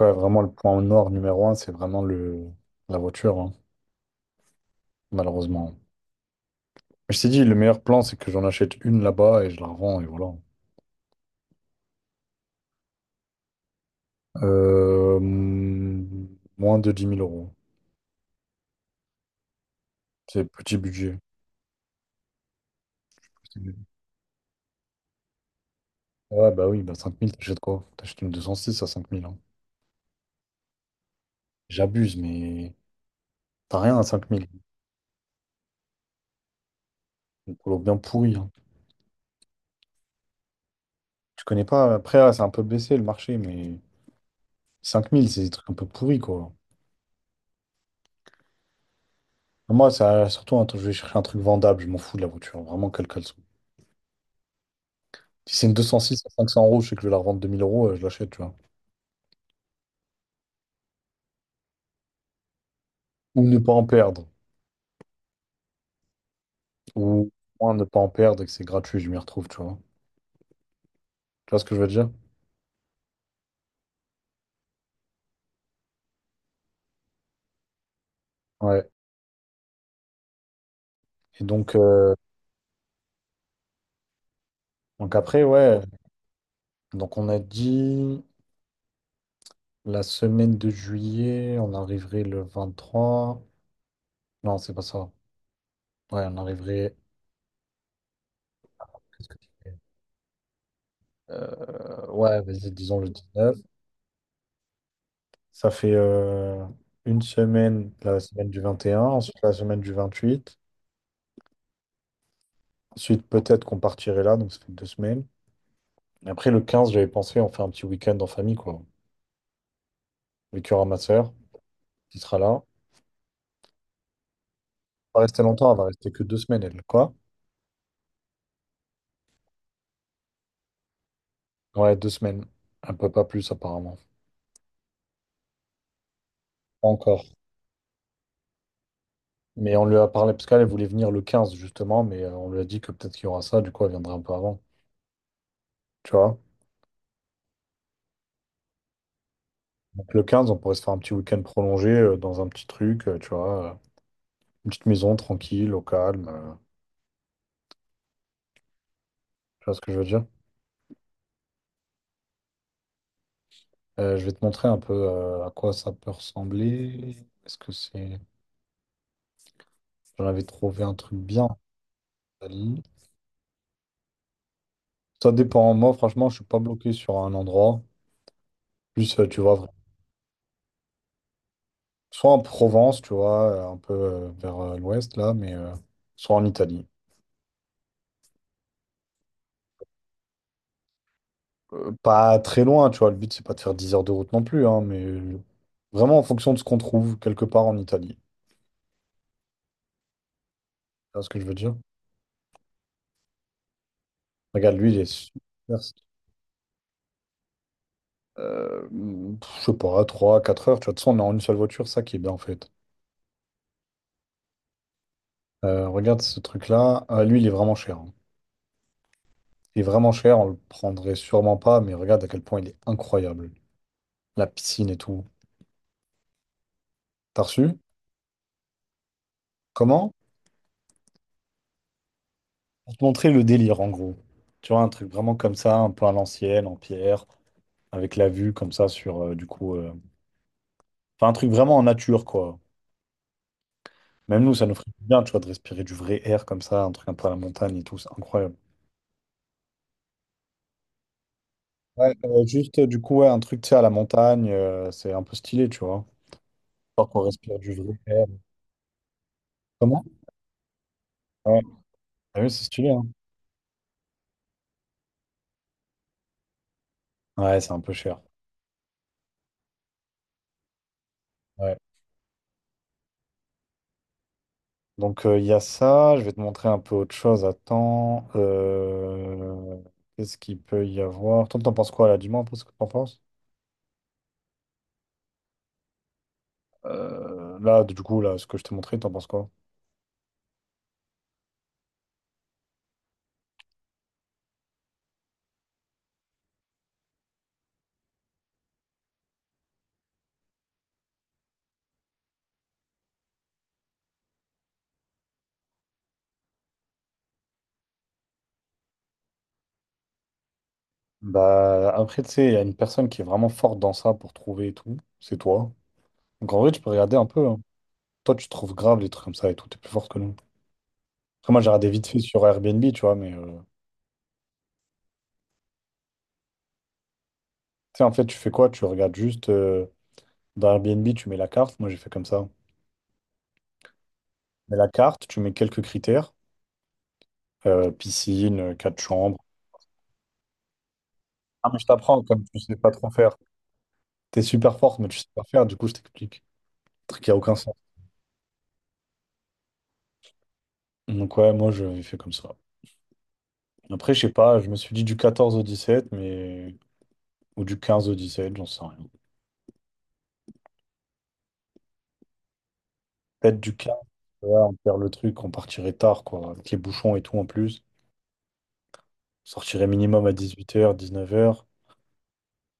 Ouais, vraiment, le point noir numéro un, c'est vraiment la voiture, hein, malheureusement. Mais je t'ai dit, le meilleur plan, c'est que j'en achète une là-bas et je la revends, et voilà. Euh, mm, Moins de dix mille euros. C'est petit budget. Petit budget. Ouais, bah oui, bah 5 000 t'achètes quoi? T'achètes une 206 à 5 000, hein. J'abuse, mais t'as rien à 5 000. Une polo bien pourrie, hein. Tu connais pas, après, là, c'est un peu baissé le marché, mais cinq mille, c'est des trucs un peu pourris, quoi. Moi, ça, surtout, je vais chercher un truc vendable, je m'en fous de la voiture, vraiment, quelle qu'elle soit. Si c'est une 206 à 500 euros, je sais que je vais la revendre 2000 euros, je l'achète, tu vois. Ou ne pas en perdre. Ou au moins ne pas en perdre et que c'est gratuit, je m'y retrouve, tu vois. Tu vois ce que je veux dire? Ouais. Et donc après, ouais. Donc on a dit la semaine de juillet, on arriverait le 23. Non, c'est pas ça. Ouais, on arriverait. Ouais, vas-y, disons le 19. Ça fait une semaine, la semaine du 21, ensuite la semaine du 28. Ensuite, peut-être qu'on partirait là, donc ça fait deux semaines. Après, le 15, j'avais pensé en faire un petit week-end en famille, quoi. Avec il y ma soeur qui sera là. Elle va pas rester longtemps, elle va rester que deux semaines, elle. Quoi? Ouais, deux semaines. Un peu pas plus, apparemment. Pas encore. Mais on lui a parlé, parce qu'elle voulait venir le 15, justement, mais on lui a dit que peut-être qu'il y aura ça, du coup, elle viendra un peu avant. Tu vois? Donc le 15, on pourrait se faire un petit week-end prolongé dans un petit truc, tu vois. Une petite maison tranquille, au calme. Tu vois ce que je veux dire? Je vais te montrer un peu à quoi ça peut ressembler. Est-ce que c'est... J'en avais trouvé un truc bien en Italie. Ça dépend. Moi, franchement, je suis pas bloqué sur un endroit. Plus, tu vois, soit en Provence, tu vois, un peu vers l'ouest, là, mais soit en Italie. Pas très loin, tu vois. Le but, c'est pas de faire 10 heures de route non plus, hein, mais vraiment en fonction de ce qu'on trouve quelque part en Italie. Tu vois ce que je veux dire? Regarde, lui, il est super. Euh, Pff, je sais pas, 3, 4 heures. Tu vois, de toute façon, on est en une seule voiture, ça qui est bien, en fait. Regarde ce truc-là. Ah, lui, il est vraiment cher, hein. Il est vraiment cher, on le prendrait sûrement pas, mais regarde à quel point il est incroyable. La piscine et tout. T'as reçu? Comment? Pour te montrer le délire, en gros. Tu vois, un truc vraiment comme ça, un peu à l'ancienne, en pierre, avec la vue comme ça sur, enfin, un truc vraiment en nature, quoi. Même nous, ça nous ferait du bien, tu vois, de respirer du vrai air comme ça, un truc un peu à la montagne et tout, c'est incroyable. Ouais, juste, du coup, ouais, un truc, tu sais, à la montagne, c'est un peu stylé, tu vois. Histoire qu'on respire du vrai air. Comment? Ouais, ah oui, c'est stylé, hein. Ouais, c'est un peu cher. Ouais. Donc, il y a ça. Je vais te montrer un peu autre chose. Attends. Qu'est-ce qu'il peut y avoir? Toi, t'en penses quoi là? Dis-moi un peu ce que t'en penses. Là, du coup, là, ce que je t'ai montré, t'en penses quoi? Bah, après, tu sais, il y a une personne qui est vraiment forte dans ça pour trouver et tout. C'est toi. Donc, en vrai, tu peux regarder un peu, hein. Toi, tu trouves grave les trucs comme ça et tout. T'es plus forte que nous. Après, moi, j'ai regardé vite fait sur Airbnb, tu vois, mais tu sais, en fait, tu fais quoi? Tu regardes juste dans Airbnb, tu mets la carte. Moi, j'ai fait comme ça. Tu mets la carte, tu mets quelques critères. Piscine, 4 chambres. Ah, mais je t'apprends, comme tu sais pas trop faire. T'es super forte, mais tu sais pas faire, du coup, je t'explique. Un truc qui a aucun sens. Donc, ouais, moi, j'avais fait comme ça. Après, je sais pas, je me suis dit du 14 au 17, mais. Ou du 15 au 17, j'en sais rien. Peut-être du 15, tu vois, on perd le truc, on partirait tard, quoi, avec les bouchons et tout en plus. On sortirait minimum à 18 h, 19 h.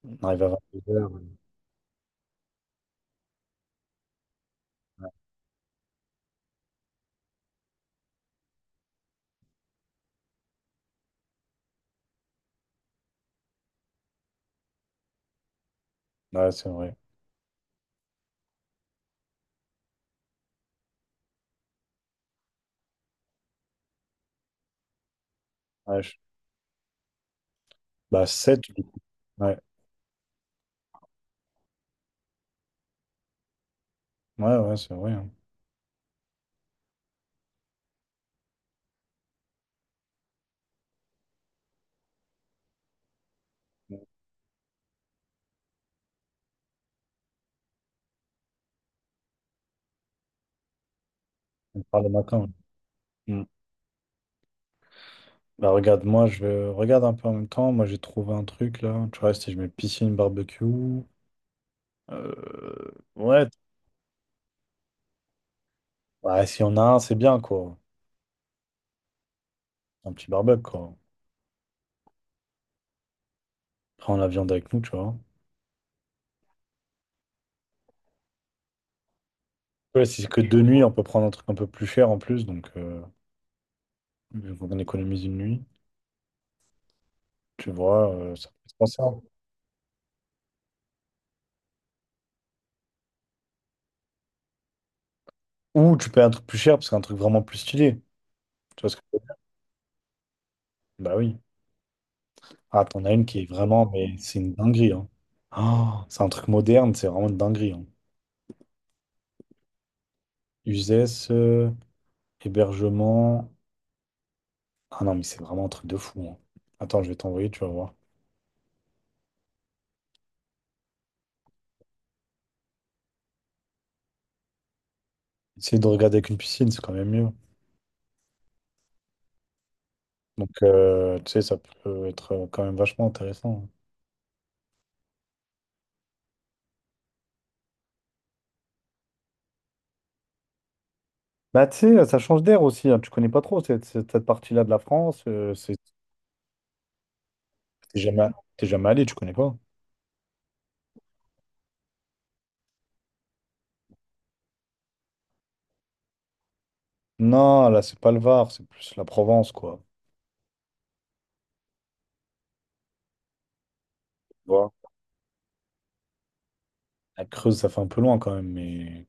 On arrive à 22 heures. Ouais, c'est vrai. Ouais, je- Bah, sept du coup. Ouais, ouais, ouais, c'est vrai, hein. On parle le matin. Bah regarde, moi je regarde un peu en même temps. Moi j'ai trouvé un truc là. Tu vois, si je mets piscine, barbecue. Ouais, ouais, si on a un, c'est bien quoi. Un petit barbecue quoi. Prends la viande avec nous, tu vois. Ouais, si c'est que deux nuits, on peut prendre un truc un peu plus cher en plus. Donc, vu qu'on économise une nuit, tu vois, ça peut se penser, hein. Ou tu payes un truc plus cher parce qu'un truc vraiment plus stylé. Tu vois ce que je veux dire? Bah oui. Ah, t'en as une qui est vraiment, mais c'est une dinguerie, hein. Ah c'est un truc moderne, c'est vraiment une dinguerie, hein. Uzès. Hébergement. Ah non, mais c'est vraiment un truc de fou, hein. Attends, je vais t'envoyer, tu vas voir. Essayer de regarder avec une piscine, c'est quand même mieux. Donc, tu sais, ça peut être quand même vachement intéressant. Bah, tu sais, ça change d'air aussi, hein. Tu connais pas trop cette partie-là de la France. C'est, t'es jamais, t'es jamais allé, tu connais pas. Non, là, c'est pas le Var, c'est plus la Provence, quoi. Tu vois. La Creuse, ça fait un peu loin quand même, mais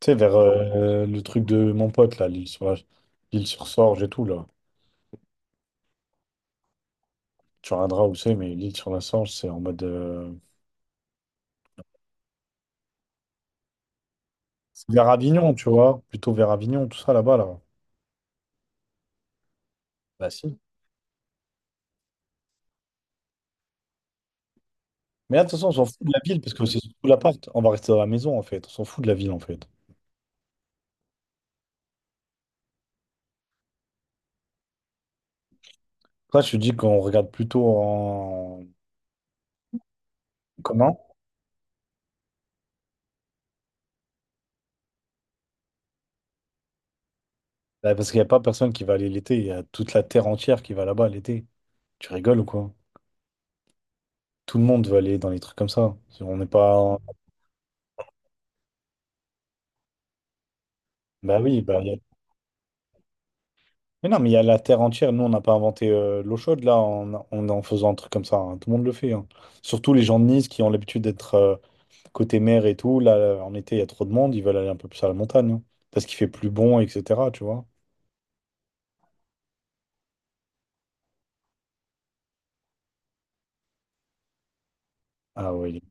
tu sais, vers le truc de mon pote, là, l'île sur Sorge et tout, là. Tu regarderas où c'est, mais l'île sur la Sorge, c'est en mode. C'est vers Avignon, tu vois. Plutôt vers Avignon, tout ça là-bas, là. Bah si. Mais là, de toute façon, on s'en fout de la ville parce que c'est surtout l'appart. On va rester dans la maison, en fait. On s'en fout de la ville, en fait. Là, je te dis qu'on regarde plutôt en commun. Bah, parce qu'il n'y a pas personne qui va aller l'été. Il y a toute la terre entière qui va là-bas l'été. Tu rigoles ou quoi? Tout le monde veut aller dans les trucs comme ça. Si on n'est pas. Bah oui, bah il y a- Mais non, mais il y a la terre entière. Nous, on n'a pas inventé l'eau chaude, là, en faisant un truc comme ça, hein. Tout le monde le fait, hein. Surtout les gens de Nice qui ont l'habitude d'être côté mer et tout, là, en été, il y a trop de monde, ils veulent aller un peu plus à la montagne, hein, parce qu'il fait plus bon, etc., tu vois. Ah ouais.